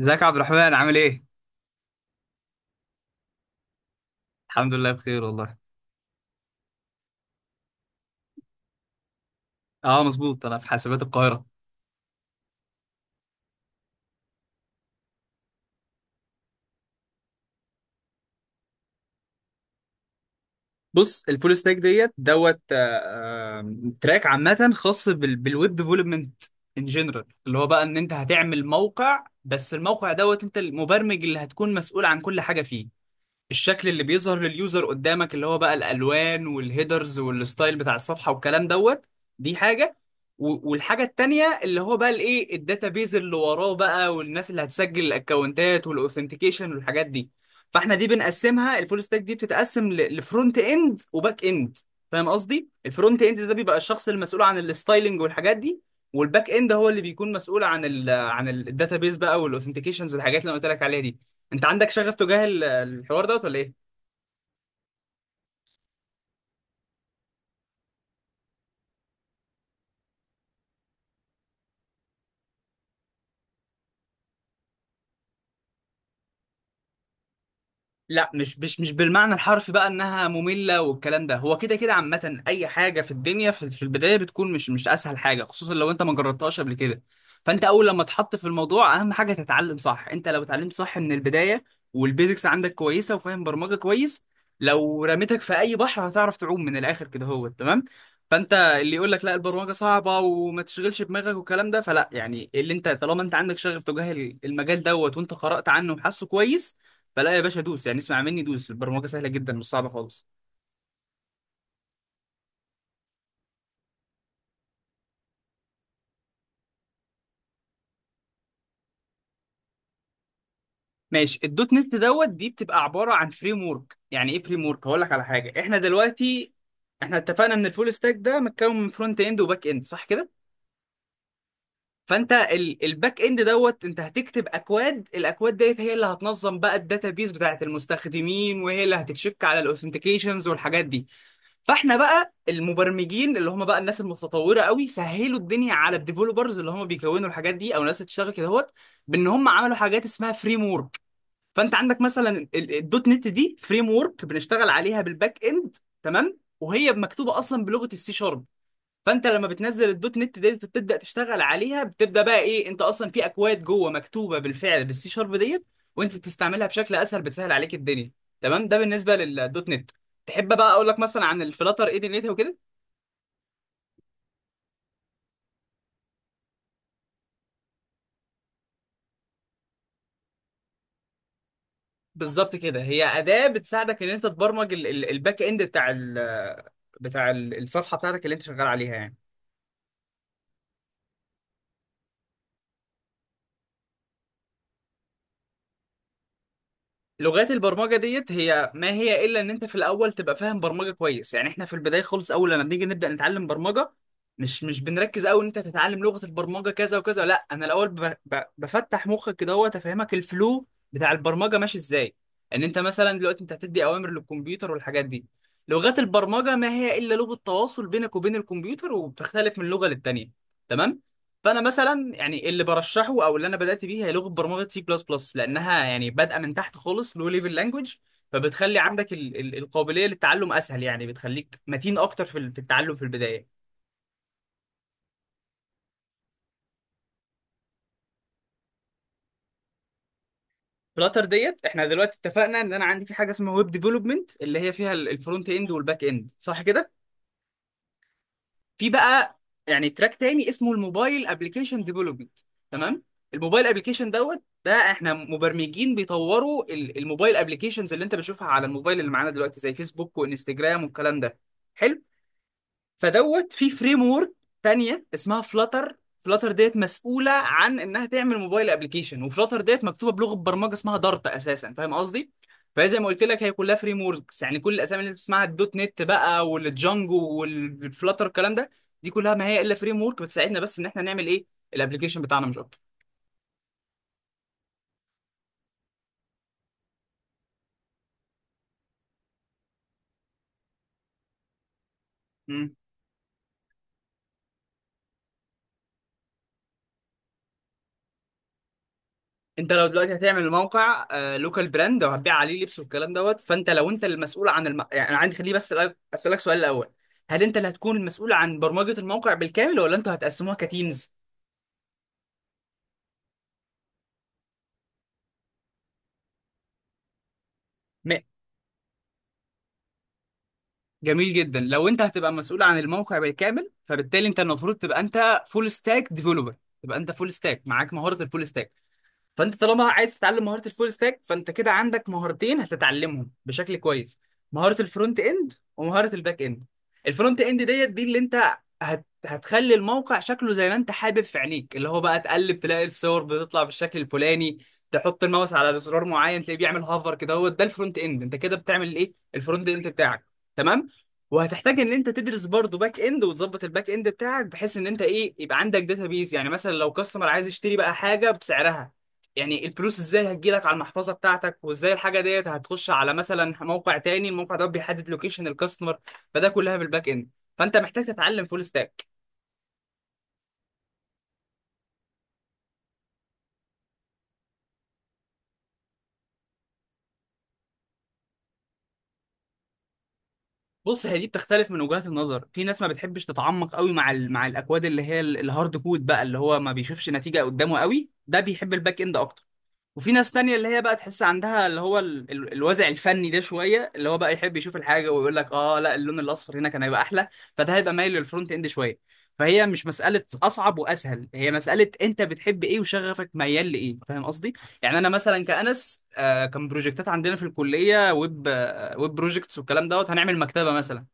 ازيك يا عبد الرحمن عامل ايه؟ الحمد لله بخير والله. اه مظبوط، انا في حاسبات القاهرة. بص، الفول ستاك ديت دوت آه، تراك عامة خاص بالويب ديفلوبمنت ان جنرال، اللي هو بقى ان انت هتعمل موقع، بس الموقع دوت انت المبرمج اللي هتكون مسؤول عن كل حاجة فيه. الشكل اللي بيظهر لليوزر قدامك اللي هو بقى الالوان والهيدرز والستايل بتاع الصفحه والكلام دوت، دي حاجه، والحاجه التانيه اللي هو بقى الايه الداتابيز اللي وراه بقى والناس اللي هتسجل الاكونتات والاوثنتيكيشن والحاجات دي. فاحنا دي بنقسمها، الفول ستاك دي بتتقسم لفرونت اند وباك اند. فاهم قصدي؟ الفرونت اند ده بيبقى الشخص المسؤول عن الستايلنج والحاجات دي، والباك اند هو اللي بيكون مسؤول عن الداتابيز بقى والاوثنتيكيشنز والحاجات اللي انا قلت لك عليها دي. انت عندك شغف تجاه الحوار دوت ولا ايه؟ لا، مش بالمعنى الحرفي بقى انها ممله والكلام ده. هو كده كده عامه اي حاجه في الدنيا في البدايه بتكون مش اسهل حاجه، خصوصا لو انت ما جربتهاش قبل كده. فانت اول لما تحط في الموضوع اهم حاجه تتعلم صح، انت لو اتعلمت صح من البدايه والبيزكس عندك كويسه وفاهم برمجه كويس، لو رميتك في اي بحر هتعرف تعوم من الاخر كده، هو تمام. فانت اللي يقول لك لا البرمجه صعبه وما تشغلش دماغك والكلام ده، فلا يعني، اللي انت طالما انت عندك شغف تجاه المجال دوت وانت قرات عنه وحاسه كويس، فلا يا باشا دوس. يعني اسمع مني، دوس، البرمجه سهله جدا مش صعبه خالص. ماشي، الدوت نت دوت دي بتبقى عباره عن فريم ورك. يعني ايه فريم ورك؟ هقول لك على حاجه. احنا دلوقتي احنا اتفقنا ان الفول ستاك ده متكون من فرونت اند وباك اند، صح كده. فانت الباك اند دوت انت هتكتب اكواد، الاكواد ديت هي اللي هتنظم بقى الداتابيز بتاعت المستخدمين، وهي اللي هتتشك على الاوثنتيكيشنز والحاجات دي. فاحنا بقى المبرمجين اللي هم بقى الناس المتطوره قوي سهلوا الدنيا على الديفلوبرز اللي هم بيكونوا الحاجات دي او الناس اللي بتشتغل كده هوت، بان هم عملوا حاجات اسمها فريم ورك. فانت عندك مثلا الدوت نت دي فريم ورك بنشتغل عليها بالباك اند. تمام؟ وهي مكتوبه اصلا بلغه السي شارب. فانت لما بتنزل الدوت نت ديت وتبدا تشتغل عليها بتبدا بقى ايه، انت اصلا في اكواد جوه مكتوبه بالفعل بالسي شارب ديت، وانت بتستعملها بشكل اسهل، بتسهل عليك الدنيا. تمام؟ ده بالنسبه للدوت نت. تحب بقى اقول لك مثلا عن الفلاتر ايه دنيتها وكده؟ بالظبط كده، هي اداه بتساعدك ان انت تبرمج الباك اند بتاع الصفحه بتاعتك اللي انت شغال عليها يعني. لغات البرمجه ديت هي ما هي الا ان انت في الاول تبقى فاهم برمجه كويس. يعني احنا في البدايه خالص اول لما بنيجي نبدا نتعلم برمجه، مش بنركز قوي ان انت تتعلم لغه البرمجه كذا وكذا، لا، انا الاول بفتح مخك كده، هو تفهمك الفلو بتاع البرمجه ماشي ازاي، ان انت مثلا دلوقتي انت هتدي اوامر للكمبيوتر والحاجات دي. لغات البرمجه ما هي الا لغه تواصل بينك وبين الكمبيوتر، وبتختلف من لغه للتانيه. تمام؟ فانا مثلا يعني اللي برشحه او اللي انا بدات بيه هي لغه برمجه سي بلس بلس، لانها يعني بادئه من تحت خالص لو ليفل لانجوج. فبتخلي عندك ال القابليه للتعلم اسهل، يعني بتخليك متين اكتر في في التعلم في البدايه. فلاتر ديت، احنا دلوقتي اتفقنا ان انا عندي في حاجه اسمها ويب ديفلوبمنت اللي هي فيها الفرونت اند والباك اند، صح كده. في بقى يعني تراك تاني اسمه الموبايل ابلكيشن ديفلوبمنت. تمام؟ الموبايل ابلكيشن دوت ده، احنا مبرمجين بيطوروا الموبايل ابلكيشنز اللي انت بتشوفها على الموبايل اللي معانا دلوقتي زي فيسبوك وانستجرام والكلام ده. حلو. فدوت في فريم ورك تانية اسمها فلاتر. فلاتر ديت مسؤولة عن انها تعمل موبايل ابلكيشن، وفلاتر ديت مكتوبة بلغة برمجة اسمها دارت اساسا. فاهم قصدي؟ فهي زي ما قلت لك هي كلها فريم وركس، يعني كل الاسامي اللي انت بتسمعها الدوت نت بقى والجانجو والفلاتر الكلام ده، دي كلها ما هي الا فريم ورك بتساعدنا بس ان احنا نعمل ايه الابلكيشن بتاعنا مش اكتر. انت لو دلوقتي هتعمل موقع لوكال براند او هتبيع عليه لبس والكلام دوت، فانت لو انت المسؤول عن يعني انا عندي خليه بس اسالك سؤال الاول، هل انت اللي هتكون المسؤول عن برمجه الموقع بالكامل ولا انتوا هتقسموها كتيمز؟ م... جميل جدا، لو انت هتبقى مسؤول عن الموقع بالكامل فبالتالي انت المفروض تبقى انت فول ستاك ديفلوبر، تبقى انت فول ستاك معاك مهاره الفول ستاك. فانت طالما عايز تتعلم مهاره الفول ستاك فانت كده عندك مهارتين هتتعلمهم بشكل كويس، مهاره الفرونت اند ومهاره الباك اند. الفرونت اند ديت دي اللي انت هتخلي الموقع شكله زي ما انت حابب في عينيك، اللي هو بقى تقلب تلاقي الصور بتطلع بالشكل الفلاني، تحط الماوس على زرار معين تلاقيه بيعمل هافر كده، هو ده الفرونت اند، انت كده بتعمل ايه الفرونت اند بتاعك. تمام؟ وهتحتاج ان انت تدرس برضه باك اند وتظبط الباك اند بتاعك، بحيث ان انت ايه يبقى عندك داتا بيز. يعني مثلا لو كاستمر عايز يشتري بقى حاجه بسعرها، يعني الفلوس ازاي هتجيلك على المحفظه بتاعتك، وازاي الحاجه ديت هتخش على مثلا موقع تاني، الموقع ده بيحدد لوكيشن الكاستمر. فده كلها بالباك اند. فانت محتاج تتعلم فول ستاك. بص هي دي بتختلف من وجهات النظر، في ناس ما بتحبش تتعمق قوي مع مع الاكواد اللي هي الهارد كود بقى اللي هو ما بيشوفش نتيجه قدامه قوي، ده بيحب الباك اند اكتر. وفي ناس تانية اللي هي بقى تحس عندها اللي هو الوازع الفني ده شوية، اللي هو بقى يحب يشوف الحاجة ويقول لك اه لا اللون الأصفر هنا كان هيبقى أحلى، فده هيبقى مايل للفرونت إند شوية. فهي مش مسألة أصعب وأسهل، هي مسألة أنت بتحب إيه وشغفك ميال لإيه. فاهم قصدي؟ يعني أنا مثلا كأنس، كان بروجكتات عندنا في الكلية ويب ويب بروجكتس والكلام دوت، هنعمل مكتبة مثلا.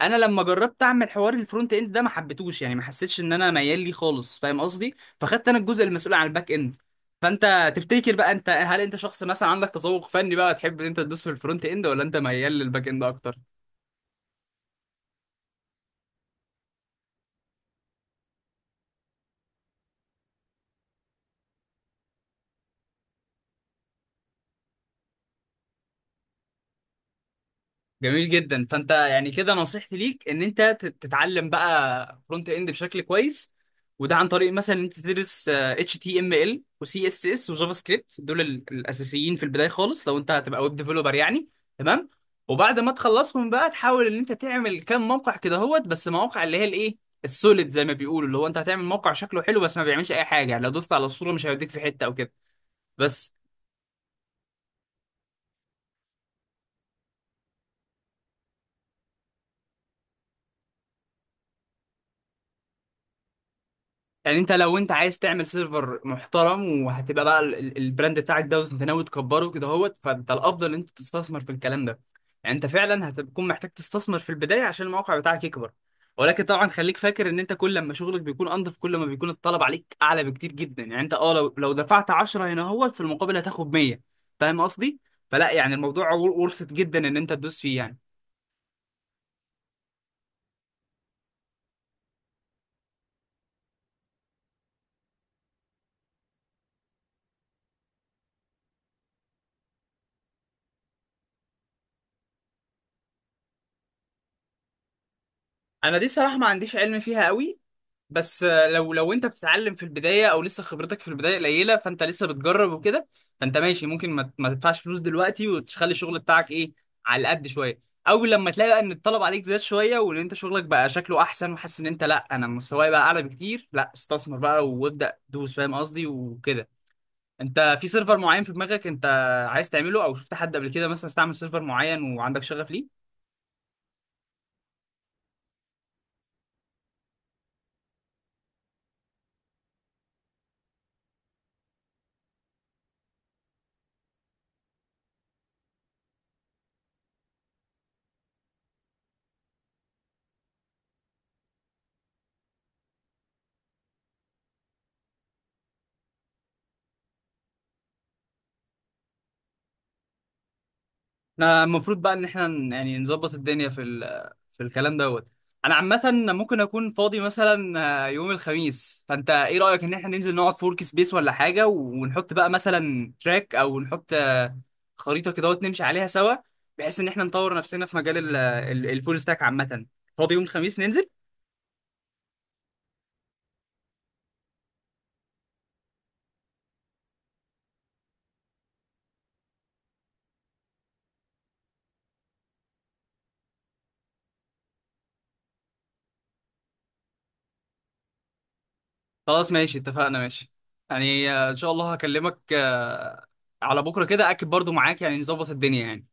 انا لما جربت اعمل حوار الفرونت اند ده ما حبيتهوش، يعني ما حسيتش ان انا ميال ليه خالص، فاهم قصدي؟ فخدت انا الجزء المسؤول عن الباك اند. فانت تفتكر بقى انت، هل انت شخص مثلا عندك تذوق فني بقى تحب ان انت تدوس في الفرونت اند، ولا انت ميال للباك اند اكتر؟ جميل جدا. فانت يعني كده نصيحتي ليك ان انت تتعلم بقى فرونت اند بشكل كويس. وده عن طريق مثلا ان انت تدرس اتش تي ام ال وسي اس اس وجافا سكريبت، دول الاساسيين في البدايه خالص لو انت هتبقى ويب ديفلوبر يعني. تمام؟ وبعد ما تخلصهم بقى تحاول ان انت تعمل كام موقع كده هوت، بس مواقع اللي هي الايه السوليد زي ما بيقولوا، اللي هو انت هتعمل موقع شكله حلو بس ما بيعملش اي حاجه، يعني لو دوست على الصوره مش هيوديك في حته او كده. بس يعني، انت لو انت عايز تعمل سيرفر محترم وهتبقى بقى البراند بتاعك ده وانت ناوي تكبره كده اهوت، فانت الافضل ان انت تستثمر في الكلام ده. يعني انت فعلا هتكون محتاج تستثمر في البدايه عشان الموقع بتاعك يكبر. ولكن طبعا خليك فاكر ان انت كل لما شغلك بيكون انضف كل ما بيكون الطلب عليك اعلى بكتير جدا. يعني انت لو دفعت 10 هنا اهوت، في المقابل هتاخد 100. فاهم قصدي؟ فلا يعني الموضوع ورثت جدا ان انت تدوس فيه يعني. انا دي صراحه ما عنديش علم فيها قوي. بس لو انت بتتعلم في البدايه او لسه خبرتك في البدايه قليله فانت لسه بتجرب وكده، فانت ماشي ممكن ما تدفعش فلوس دلوقتي وتخلي الشغل بتاعك ايه على قد شويه. اول لما تلاقي بقى ان الطلب عليك زاد شويه وان انت شغلك بقى شكله احسن وحاسس ان انت لا انا مستواي بقى اعلى بكتير، لا استثمر بقى وابدا دوس، فاهم قصدي وكده. انت في سيرفر معين في دماغك انت عايز تعمله، او شفت حد قبل كده مثلا استعمل سيرفر معين وعندك شغف ليه؟ احنا المفروض بقى ان احنا يعني نظبط الدنيا في في الكلام دوت. انا عامه ممكن اكون فاضي مثلا يوم الخميس، فانت ايه رايك ان احنا ننزل نقعد في ورك سبيس ولا حاجه، ونحط بقى مثلا تراك، او نحط خريطه كده نمشي عليها سوا، بحيث ان احنا نطور نفسنا في مجال الفول ستاك عامه. فاضي يوم الخميس ننزل؟ خلاص ماشي اتفقنا ماشي. يعني ان شاء الله هكلمك على بكره كده اكد برضو معاك، يعني نظبط الدنيا يعني.